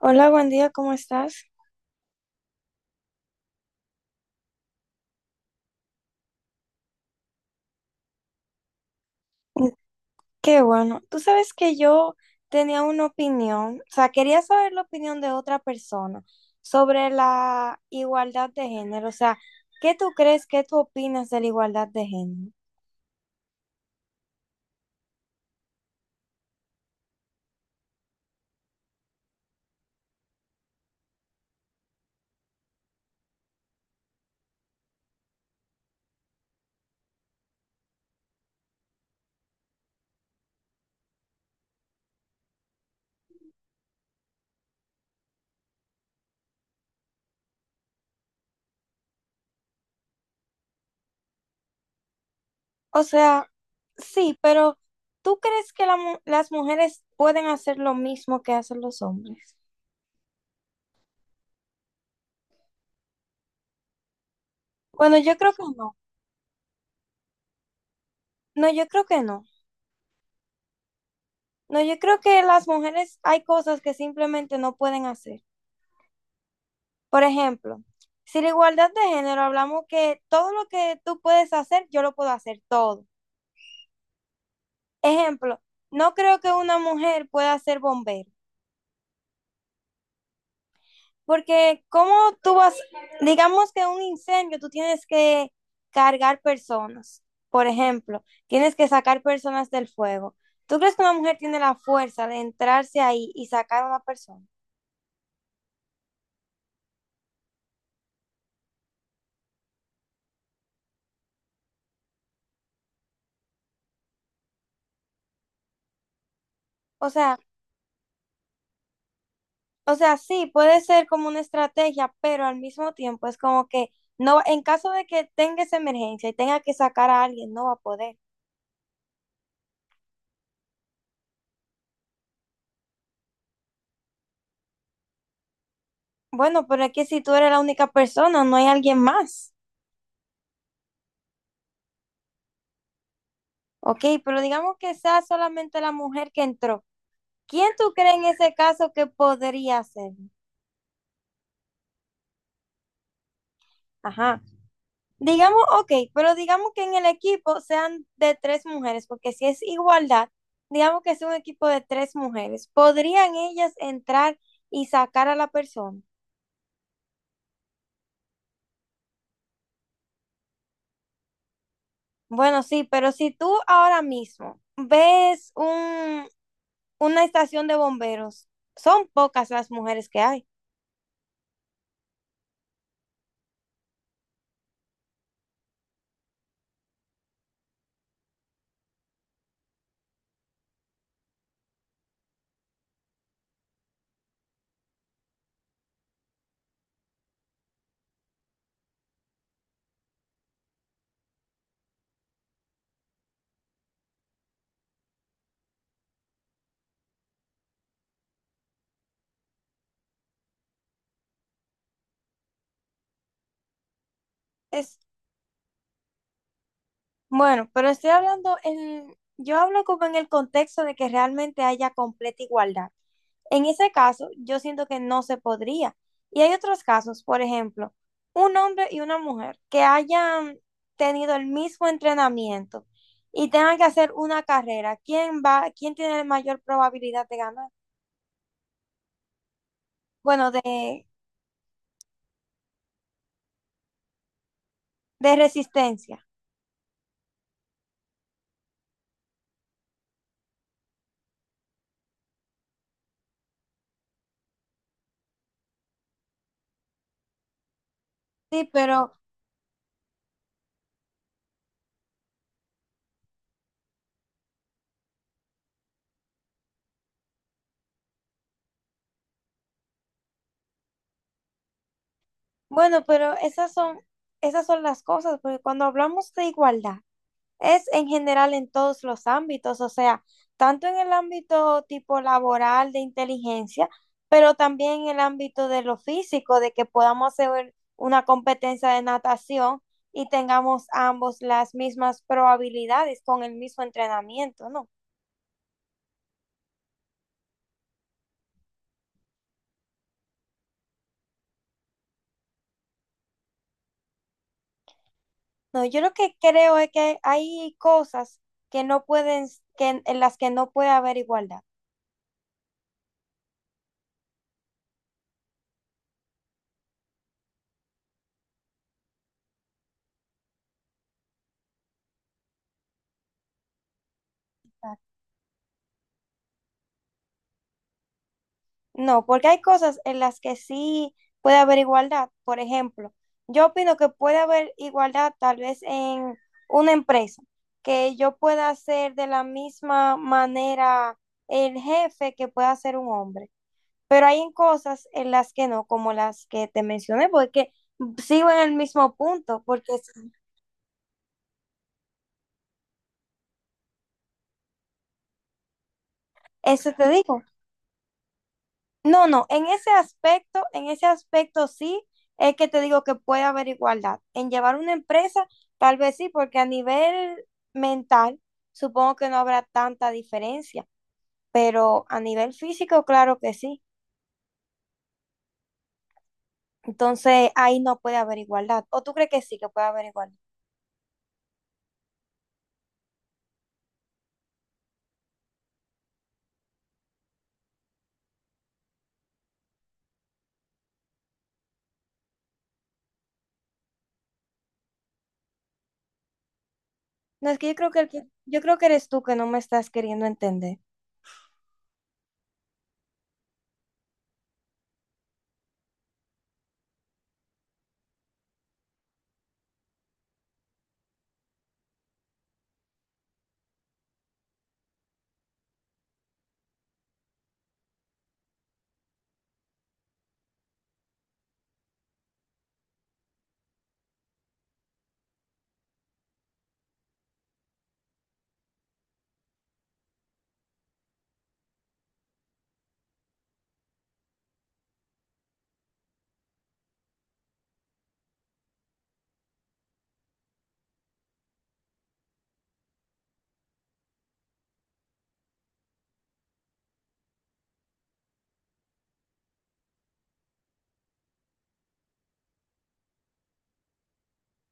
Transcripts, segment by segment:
Hola, buen día, ¿cómo estás? Mm. Qué bueno. Tú sabes que yo tenía una opinión, o sea, quería saber la opinión de otra persona sobre la igualdad de género, o sea, ¿qué tú crees, qué tú opinas de la igualdad de género? O sea, sí, pero ¿tú crees que las mujeres pueden hacer lo mismo que hacen los hombres? Bueno, yo creo que no. No, yo creo que no. No, yo creo que las mujeres hay cosas que simplemente no pueden hacer. Por ejemplo, si la igualdad de género hablamos que todo lo que tú puedes hacer, yo lo puedo hacer todo. Ejemplo, no creo que una mujer pueda ser bombero, porque cómo tú vas, digamos que un incendio, tú tienes que cargar personas, por ejemplo, tienes que sacar personas del fuego. ¿Tú crees que una mujer tiene la fuerza de entrarse ahí y sacar a una persona? O sea, O sea, sí, puede ser como una estrategia, pero al mismo tiempo es como que no, en caso de que tenga esa emergencia y tenga que sacar a alguien, no va a poder. Bueno, pero es que si tú eres la única persona, no hay alguien más. Ok, pero digamos que sea solamente la mujer que entró. ¿Quién tú crees en ese caso que podría ser? Ajá. Digamos, ok, pero digamos que en el equipo sean de tres mujeres, porque si es igualdad, digamos que es un equipo de tres mujeres, ¿podrían ellas entrar y sacar a la persona? Bueno, sí, pero si tú ahora mismo ves una estación de bomberos, son pocas las mujeres que hay. Es, bueno, pero estoy hablando yo hablo como en el contexto de que realmente haya completa igualdad. En ese caso, yo siento que no se podría. Y hay otros casos, por ejemplo, un hombre y una mujer que hayan tenido el mismo entrenamiento y tengan que hacer una carrera, ¿ quién tiene la mayor probabilidad de ganar? Bueno, de resistencia. Sí, pero bueno, pero esas son las cosas, porque cuando hablamos de igualdad, es en general en todos los ámbitos, o sea, tanto en el ámbito tipo laboral de inteligencia, pero también en el ámbito de lo físico, de que podamos hacer una competencia de natación y tengamos ambos las mismas probabilidades con el mismo entrenamiento, ¿no? No, yo lo que creo es que hay cosas que no pueden, que en las que no puede haber igualdad. Ah, no, porque hay cosas en las que sí puede haber igualdad. Por ejemplo, yo opino que puede haber igualdad tal vez en una empresa, que yo pueda hacer de la misma manera el jefe que pueda ser un hombre. Pero hay en cosas en las que no, como las que te mencioné, porque sigo en el mismo punto, porque eso te digo. No, no, en ese aspecto sí es que te digo que puede haber igualdad. En llevar una empresa, tal vez sí, porque a nivel mental supongo que no habrá tanta diferencia, pero a nivel físico, claro que sí. Entonces ahí no puede haber igualdad. ¿O tú crees que sí que puede haber igualdad? No, es que yo creo que, yo creo que eres tú que no me estás queriendo entender.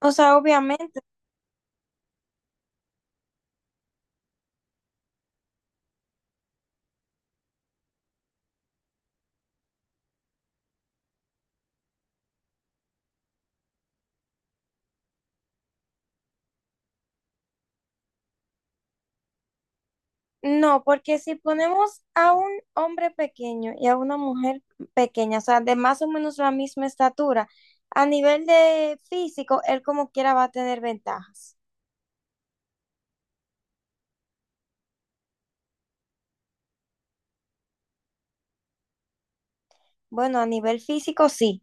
O sea, obviamente. No, porque si ponemos a un hombre pequeño y a una mujer pequeña, o sea, de más o menos la misma estatura, a nivel de físico, él como quiera va a tener ventajas. Bueno, a nivel físico sí,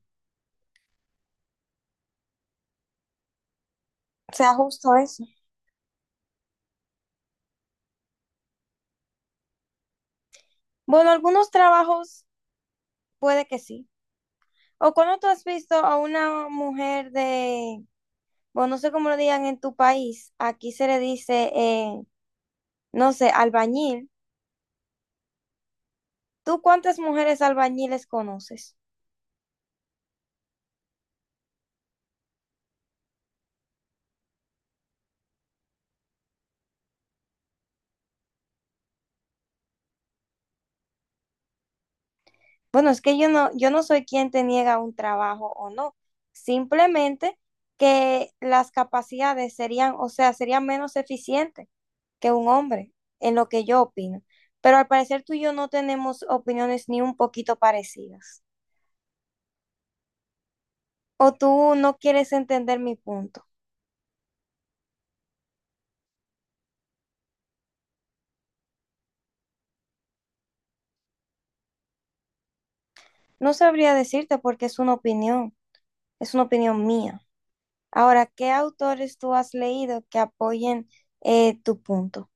o sea, justo eso. Bueno, algunos trabajos puede que sí. O cuando tú has visto a una mujer de, bueno, no sé cómo lo digan en tu país, aquí se le dice, no sé, albañil. ¿Tú cuántas mujeres albañiles conoces? Bueno, es que yo no soy quien te niega un trabajo o no, simplemente que las capacidades serían, o sea, serían menos eficientes que un hombre, en lo que yo opino. Pero al parecer tú y yo no tenemos opiniones ni un poquito parecidas. O tú no quieres entender mi punto. No sabría decirte porque es una opinión mía. Ahora, ¿qué autores tú has leído que apoyen tu punto?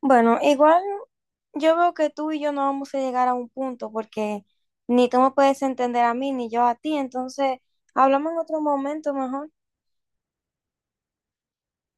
Bueno, igual yo veo que tú y yo no vamos a llegar a un punto porque ni tú me puedes entender a mí ni yo a ti, entonces hablamos en otro momento mejor.